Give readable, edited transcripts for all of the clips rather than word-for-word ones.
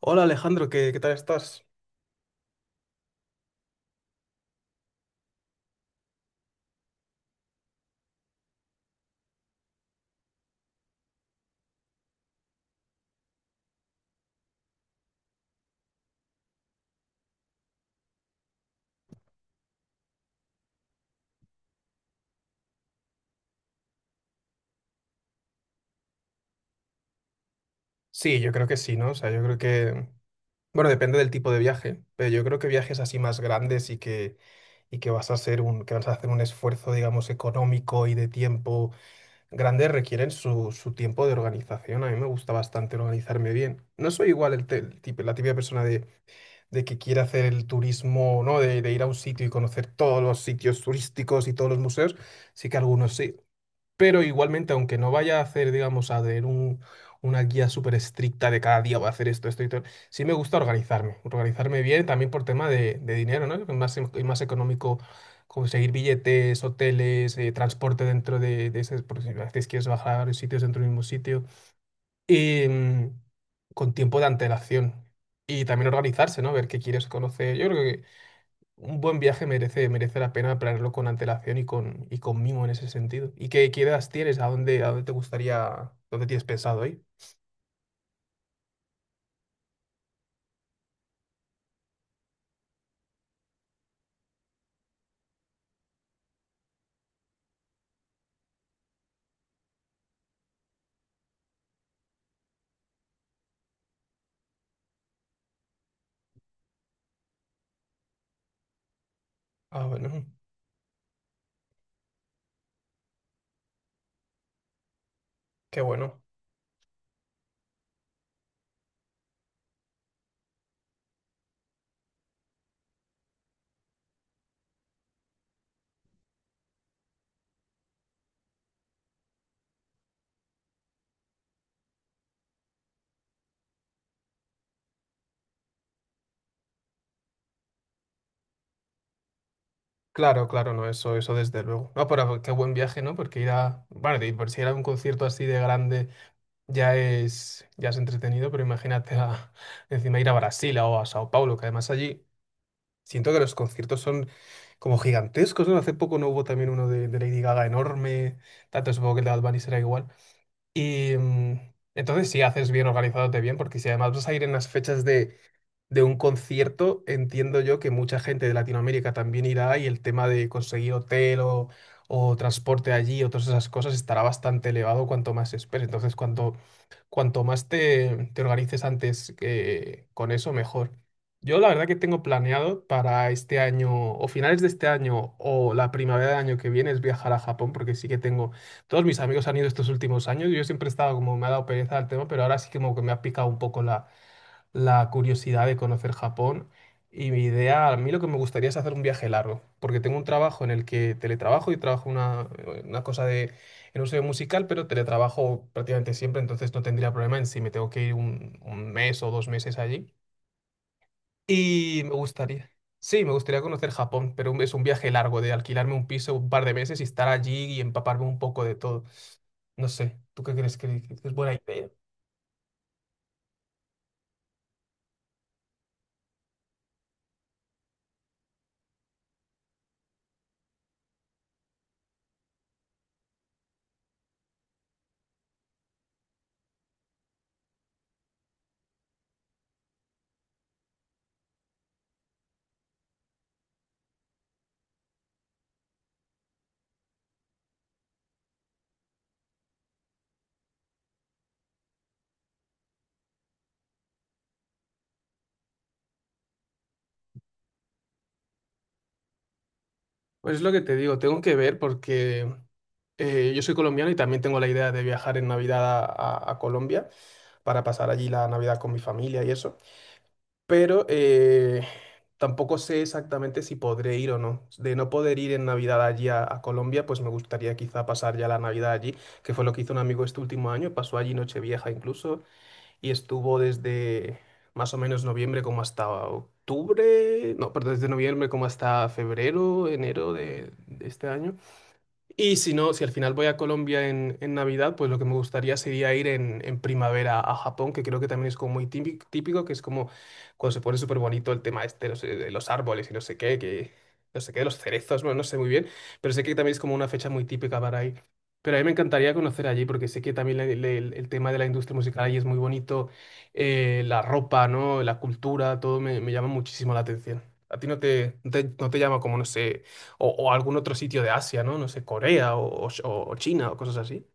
Hola Alejandro, ¿qué tal estás? Sí, yo creo que sí, ¿no? O sea, yo creo que, bueno, depende del tipo de viaje, pero yo creo que viajes así más grandes y que, vas a hacer un esfuerzo, digamos, económico y de tiempo grande requieren su tiempo de organización. A mí me gusta bastante organizarme bien. No soy igual el tipo, la típica persona de que quiere hacer el turismo, ¿no? De ir a un sitio y conocer todos los sitios turísticos y todos los museos. Sí que algunos sí. Pero igualmente, aunque no vaya a hacer, digamos, a tener una guía súper estricta de cada día voy a hacer esto, esto y todo, sí me gusta organizarme bien también por tema de dinero, ¿no? Que es más económico conseguir billetes, hoteles, transporte dentro de ese, por si a veces quieres bajar a varios sitios dentro del mismo sitio, y con tiempo de antelación. Y también organizarse, ¿no? Ver qué quieres conocer. Yo creo un buen viaje merece la pena planearlo con antelación y con mimo en ese sentido. ¿Y qué ideas tienes? ¿A dónde te gustaría, dónde tienes pensado ir? Ah, bueno, qué bueno. Claro, claro, no, eso desde luego. No, pero qué buen viaje, ¿no? Porque ir a, bueno, de por si era un concierto así de grande ya es entretenido, pero imagínate encima ir a Brasil o a Sao Paulo, que además allí siento que los conciertos son como gigantescos, ¿no? Hace poco no hubo también uno de Lady Gaga enorme, tanto supongo que el de Bad Bunny será igual. Y entonces, si haces bien organizándote bien, porque si además vas a ir en las fechas de un concierto, entiendo yo que mucha gente de Latinoamérica también irá y el tema de conseguir hotel o transporte allí o todas esas cosas estará bastante elevado cuanto más esperes. Entonces, cuanto más te organices antes con eso, mejor. Yo la verdad que tengo planeado para este año, o finales de este año, o la primavera del año que viene, es viajar a Japón, porque sí que tengo, todos mis amigos han ido estos últimos años, yo siempre he estado como, me ha dado pereza el tema, pero ahora sí que como que me ha picado un poco la curiosidad de conocer Japón y mi idea, a mí lo que me gustaría es hacer un viaje largo, porque tengo un trabajo en el que teletrabajo y trabajo una cosa en un sello musical, pero teletrabajo prácticamente siempre, entonces no tendría problema en si me tengo que ir un mes o dos meses allí. Y me gustaría, sí, me gustaría conocer Japón, pero es un viaje largo de alquilarme un piso un par de meses y estar allí y empaparme un poco de todo. No sé, ¿tú qué crees que es buena idea? Pues es lo que te digo, tengo que ver porque yo soy colombiano y también tengo la idea de viajar en Navidad a Colombia para pasar allí la Navidad con mi familia y eso. Pero tampoco sé exactamente si podré ir o no. De no poder ir en Navidad allí a Colombia, pues me gustaría quizá pasar ya la Navidad allí, que fue lo que hizo un amigo este último año. Pasó allí Nochevieja incluso y estuvo desde más o menos noviembre como hasta octubre, no, perdón, desde noviembre como hasta febrero, enero de este año. Y si no, si al final voy a Colombia en, Navidad, pues lo que me gustaría sería ir en primavera a Japón, que creo que también es como muy típico, típico, que es como cuando se pone súper bonito el tema este, no sé, de los árboles y no sé qué, que no sé qué, de los cerezos, bueno, no sé muy bien, pero sé que también es como una fecha muy típica para ir. Pero a mí me encantaría conocer allí, porque sé que también el tema de la industria musical allí es muy bonito, la ropa, ¿no? La cultura, todo me llama muchísimo la atención. ¿A ti no te llama como, no sé o algún otro sitio de Asia, ¿no? No sé, Corea o China o cosas así.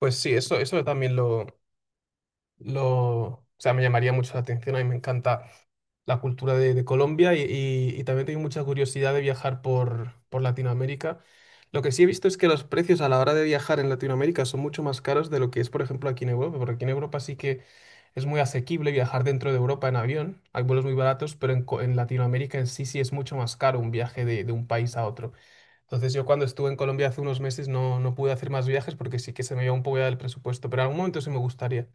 Pues sí, eso también o sea, me llamaría mucho la atención. A mí me encanta la cultura de Colombia y también tengo mucha curiosidad de viajar por Latinoamérica. Lo que sí he visto es que los precios a la hora de viajar en Latinoamérica son mucho más caros de lo que es, por ejemplo, aquí en Europa, porque aquí en Europa sí que es muy asequible viajar dentro de Europa en avión. Hay vuelos muy baratos, pero en Latinoamérica en sí sí es mucho más caro un viaje de un país a otro. Entonces yo cuando estuve en Colombia hace unos meses no pude hacer más viajes porque sí que se me iba un poco ya del presupuesto, pero en algún momento sí me gustaría,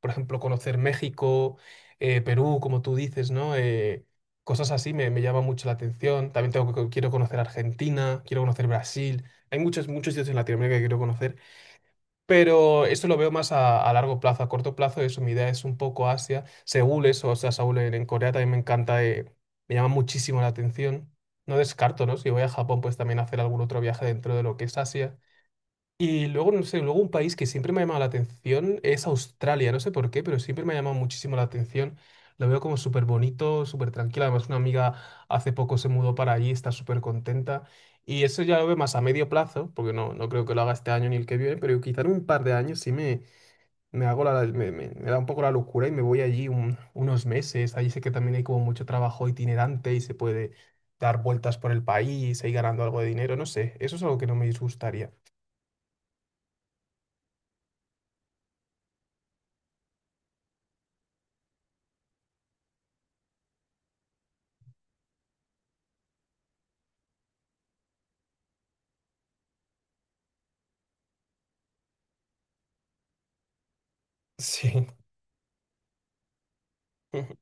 por ejemplo, conocer México, Perú, como tú dices, ¿no? Cosas así me llama mucho la atención. También quiero conocer Argentina, quiero conocer Brasil. Hay muchos, muchos sitios en Latinoamérica que quiero conocer. Pero eso lo veo más a largo plazo, a corto plazo, eso, mi idea es un poco Asia, Seúl, eso, o sea, Seúl en Corea también me encanta, me llama muchísimo la atención. No descarto, ¿no? Si voy a Japón, pues también hacer algún otro viaje dentro de lo que es Asia. Y luego, no sé, luego un país que siempre me ha llamado la atención es Australia, no sé por qué, pero siempre me ha llamado muchísimo la atención. Lo veo como súper bonito, súper tranquilo. Además, una amiga hace poco se mudó para allí, está súper contenta. Y eso ya lo veo más a medio plazo, porque no creo que lo haga este año ni el que viene, pero quizá en un par de años sí me hago la, me- me da un poco la locura y me voy allí unos meses. Allí sé que también hay como mucho trabajo itinerante y se puede dar vueltas por el país e ir ganando algo de dinero, no sé. Eso es algo que no me disgustaría. Sí. Ujú.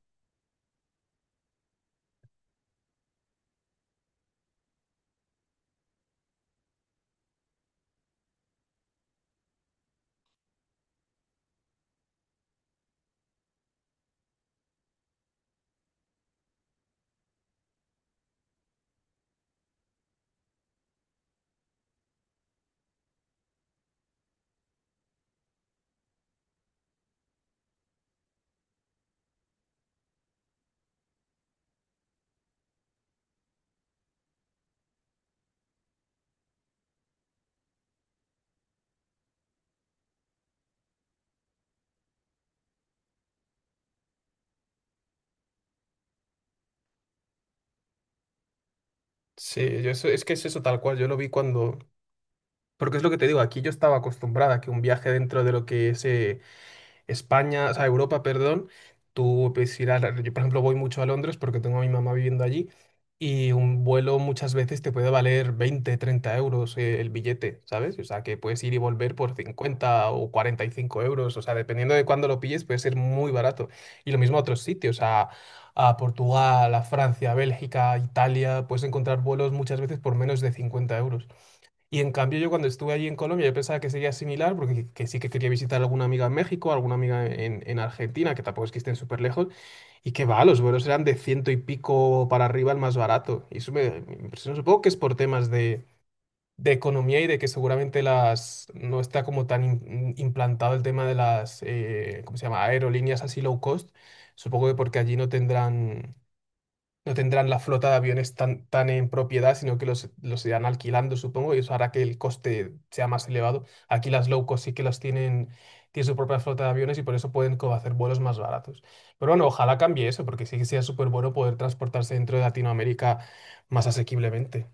Sí, yo eso, es que es eso tal cual, yo lo vi cuando, porque es lo que te digo, aquí yo estaba acostumbrada a que un viaje dentro de lo que es España, o sea, Europa, perdón, tú puedes ir. Yo, por ejemplo, voy mucho a Londres porque tengo a mi mamá viviendo allí y un vuelo muchas veces te puede valer 20, 30 euros el billete, ¿sabes? O sea, que puedes ir y volver por 50 o 45 euros, o sea, dependiendo de cuándo lo pilles, puede ser muy barato. Y lo mismo a otros sitios, a Portugal, a Francia, a Bélgica, a Italia, puedes encontrar vuelos muchas veces por menos de 50 euros. Y en cambio yo cuando estuve allí en Colombia yo pensaba que sería similar, porque que sí que quería visitar alguna amiga en México, alguna amiga en, Argentina, que tampoco es que estén súper lejos, y que va, los vuelos eran de ciento y pico para arriba el más barato. Y eso me impresionó. Supongo que es por temas de economía y de que seguramente las no está como tan implantado el tema de las, ¿cómo se llama?, aerolíneas así low cost. Supongo que porque allí no tendrán la flota de aviones tan en propiedad, sino que los irán alquilando, supongo, y eso hará que el coste sea más elevado. Aquí las low cost sí que las tienen su propia flota de aviones y por eso pueden como hacer vuelos más baratos. Pero bueno, ojalá cambie eso, porque sí que sea súper bueno poder transportarse dentro de Latinoamérica más asequiblemente.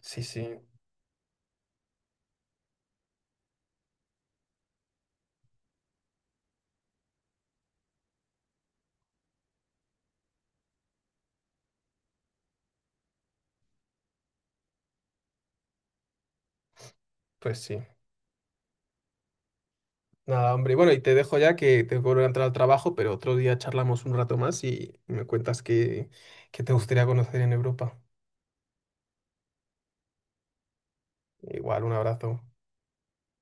Sí, sí, pues sí. Nada, hombre. Bueno, y te dejo ya que tengo que volver a entrar al trabajo, pero otro día charlamos un rato más y me cuentas qué, te gustaría conocer en Europa. Igual, un abrazo.